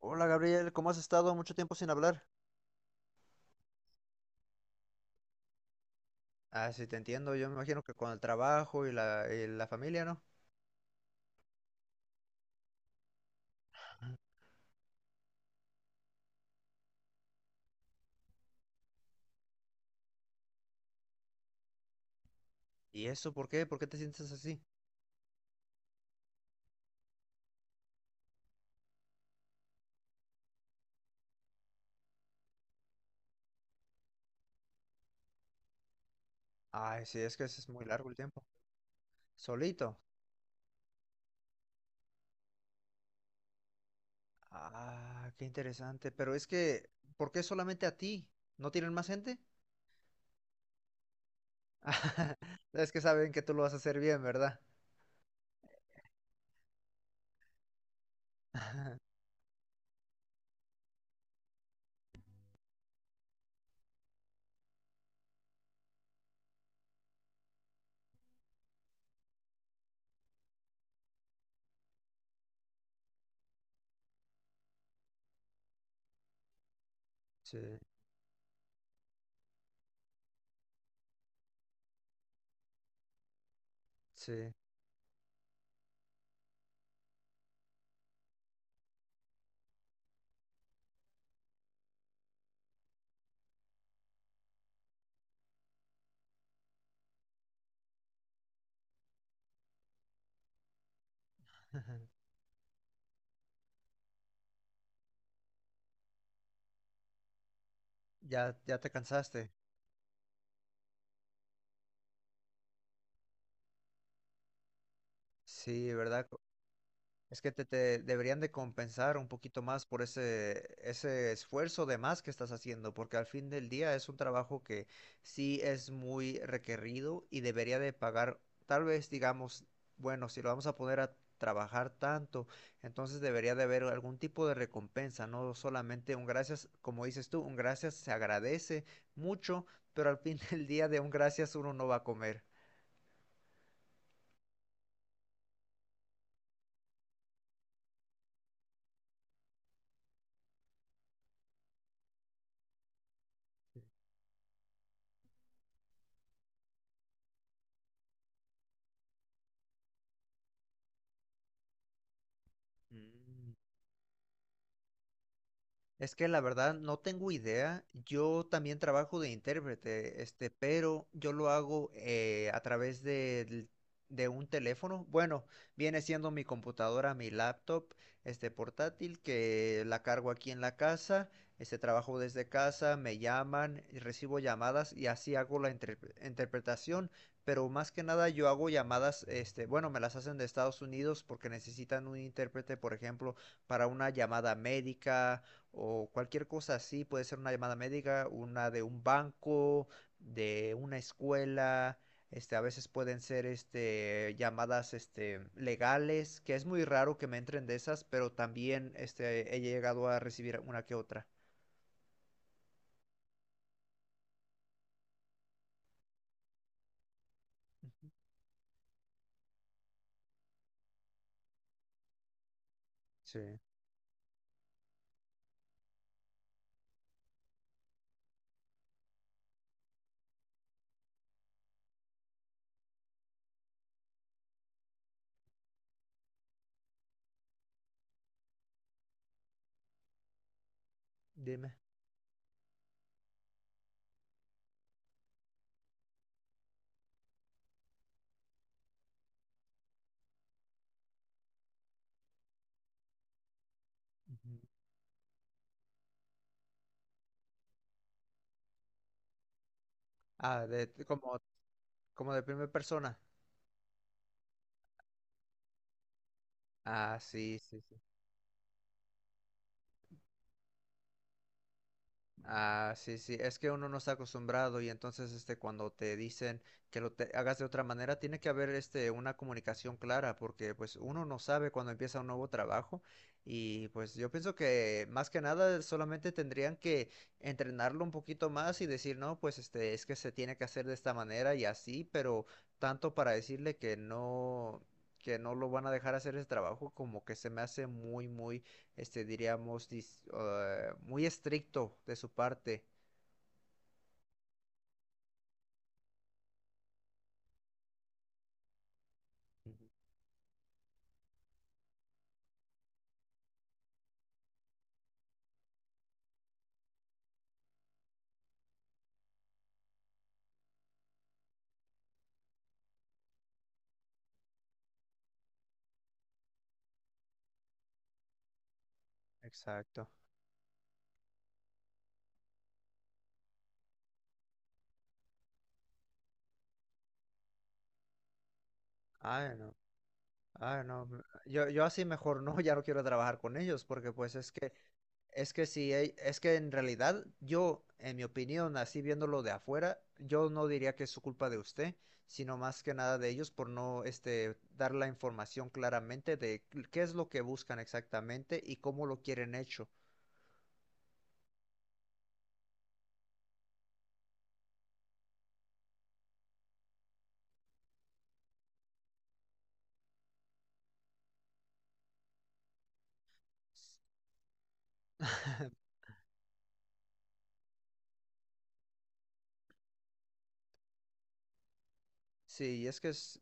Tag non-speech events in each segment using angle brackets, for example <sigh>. Hola Gabriel, ¿cómo has estado? Mucho tiempo sin hablar. Ah, sí, te entiendo. Yo me imagino que con el trabajo y la familia, ¿no? ¿Y eso por qué? ¿Por qué te sientes así? Ay, sí, es que es muy largo el tiempo. ¿Solito? Ah, qué interesante. Pero es que, ¿por qué solamente a ti? ¿No tienen más gente? <laughs> Es que saben que tú lo vas a hacer bien, ¿verdad? <laughs> Sí, sí. <laughs> Ya, ya te cansaste. Sí, ¿verdad? Es que te deberían de compensar un poquito más por ese, ese esfuerzo de más que estás haciendo, porque al fin del día es un trabajo que sí es muy requerido y debería de pagar, tal vez digamos, bueno, si lo vamos a poner a trabajar tanto, entonces debería de haber algún tipo de recompensa, no solamente un gracias, como dices tú, un gracias se agradece mucho, pero al fin del día de un gracias uno no va a comer. Mm. Es que la verdad no tengo idea. Yo también trabajo de intérprete, este, pero yo lo hago a través de un teléfono. Bueno, viene siendo mi computadora, mi laptop, este portátil que la cargo aquí en la casa. Este trabajo desde casa, me llaman, y recibo llamadas y así hago la interpretación. Pero más que nada yo hago llamadas, este, bueno, me las hacen de Estados Unidos porque necesitan un intérprete, por ejemplo, para una llamada médica o cualquier cosa así, puede ser una llamada médica, una de un banco, de una escuela, este, a veces pueden ser este llamadas este legales, que es muy raro que me entren de esas, pero también este he llegado a recibir una que otra. Ujú. Sí. Dime. Ujú. Ah, de, como, como de primera persona. Ah, sí, sí, sí. Ah, sí, sí, es que uno no está acostumbrado y entonces este cuando te dicen que lo hagas de otra manera, tiene que haber este una comunicación clara porque pues uno no sabe cuando empieza un nuevo trabajo y pues yo pienso que más que nada solamente tendrían que entrenarlo un poquito más y decir, "No, pues este es que se tiene que hacer de esta manera y así", pero tanto para decirle que no lo van a dejar hacer ese trabajo como que se me hace muy muy este, diríamos, muy estricto de su parte. Ujú. Exacto. Ah, no. Ah, no. Yo, yo así mejor no, <laughs> ya no quiero trabajar con ellos, porque pues es que si, es que en realidad yo, en mi opinión, así viéndolo de afuera, yo no diría que es su culpa de usted, sino más que nada de ellos por no, este, dar la información claramente de qué es lo que buscan exactamente y cómo lo quieren hecho. Sí, es que es,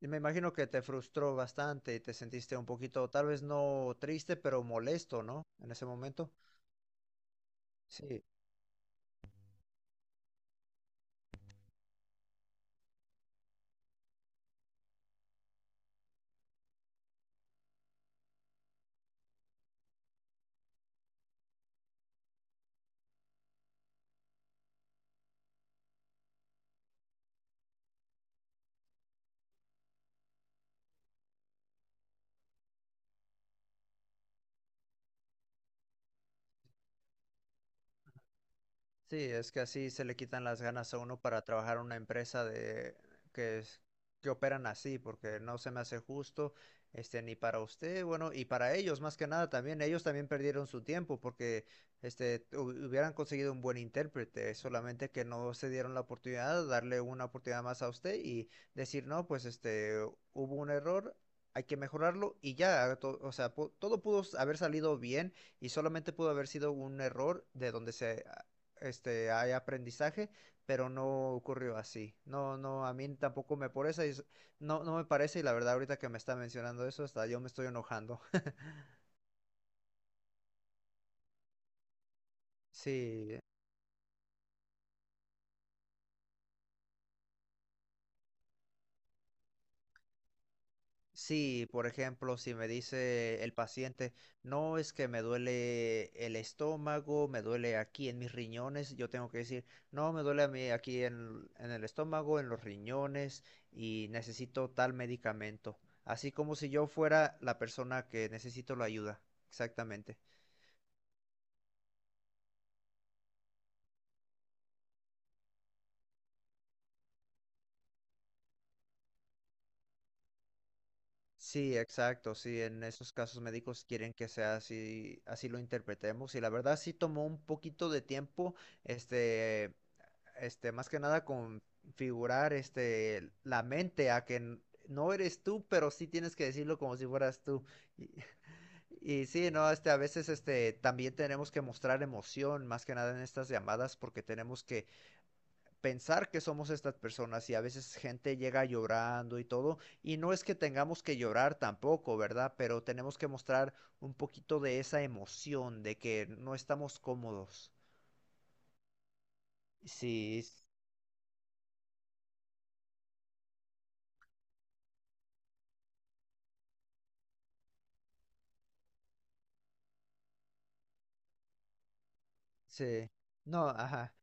y me imagino que te frustró bastante y te sentiste un poquito, tal vez no triste, pero molesto, ¿no? En ese momento. Sí. Sí, es que así se le quitan las ganas a uno para trabajar en una empresa de que que operan así, porque no se me hace justo, este, ni para usted, bueno, y para ellos más que nada también, ellos también perdieron su tiempo porque este hubieran conseguido un buen intérprete, solamente que no se dieron la oportunidad de darle una oportunidad más a usted y decir, "No, pues este hubo un error, hay que mejorarlo" y ya, o sea, todo pudo haber salido bien y solamente pudo haber sido un error de donde se este, hay aprendizaje, pero no ocurrió así. No, no, a mí tampoco me parece, no, no me parece, y la verdad ahorita que me está mencionando eso, hasta yo me estoy enojando. <laughs> Sí, sí, por ejemplo, si me dice el paciente, no es que me duele el estómago, me duele aquí en mis riñones, yo tengo que decir, no, me duele a mí aquí en el estómago, en los riñones y necesito tal medicamento. Así como si yo fuera la persona que necesito la ayuda. Exactamente. Sí, exacto, sí, en esos casos médicos quieren que sea así, así lo interpretemos y la verdad sí tomó un poquito de tiempo, este, este, más que nada configurar, este, la mente a que no eres tú, pero sí tienes que decirlo como si fueras tú. Y, y sí, no, este, a veces, este, también tenemos que mostrar emoción, más que nada en estas llamadas, porque tenemos que pensar que somos estas personas y a veces gente llega llorando y todo, y no es que tengamos que llorar tampoco, ¿verdad? Pero tenemos que mostrar un poquito de esa emoción de que no estamos cómodos. Sí, sí. No, ajá.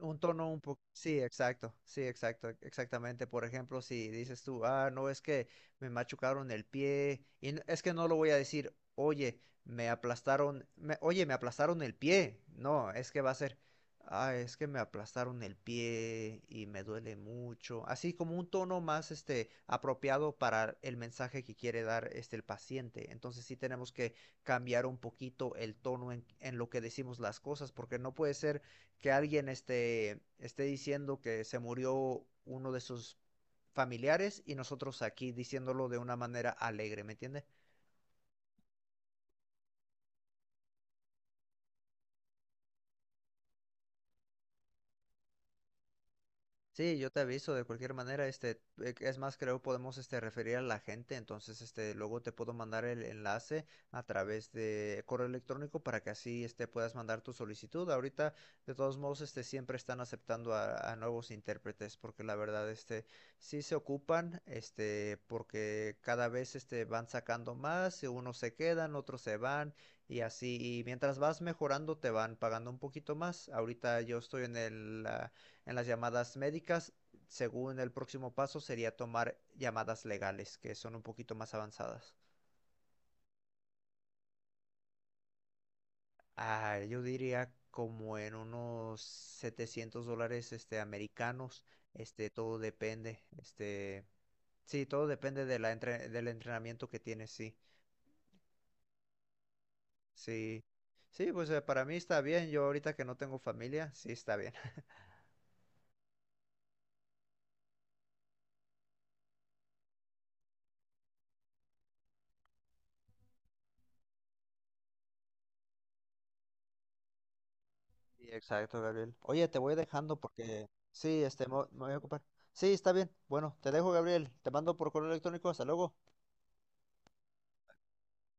Un tono un poco... Sí, exacto, sí, exacto, exactamente. Por ejemplo, si dices tú, ah, no, es que me machucaron el pie, y es que no lo voy a decir, oye, me aplastaron, oye, me aplastaron el pie. No, es que va a ser, ah, es que me aplastaron el pie y me duele mucho. Así como un tono más, este, apropiado para el mensaje que quiere dar, este, el paciente. Entonces sí tenemos que cambiar un poquito el tono en lo que decimos las cosas, porque no puede ser que alguien esté, esté diciendo que se murió uno de sus familiares y nosotros aquí diciéndolo de una manera alegre, ¿me entiendes? Sí, yo te aviso de cualquier manera, este, es más, creo podemos este referir a la gente, entonces este luego te puedo mandar el enlace a través de correo electrónico para que así este puedas mandar tu solicitud. Ahorita, de todos modos, este siempre están aceptando a nuevos intérpretes porque la verdad este sí se ocupan, este porque cada vez este van sacando más, y unos se quedan, otros se van y así y mientras vas mejorando te van pagando un poquito más. Ahorita yo estoy en el ah, en las llamadas médicas, según el próximo paso sería tomar llamadas legales, que son un poquito más avanzadas. Ah, yo diría como en unos $700 este, americanos. Este, todo depende. Este, sí, todo depende de la del entrenamiento que tienes, sí. Sí. Sí, pues para mí está bien. Yo ahorita que no tengo familia, sí está bien. Sí, exacto, Gabriel. Oye, te voy dejando porque sí, este, me voy a ocupar. Sí, está bien. Bueno, te dejo, Gabriel. Te mando por correo electrónico. Hasta luego.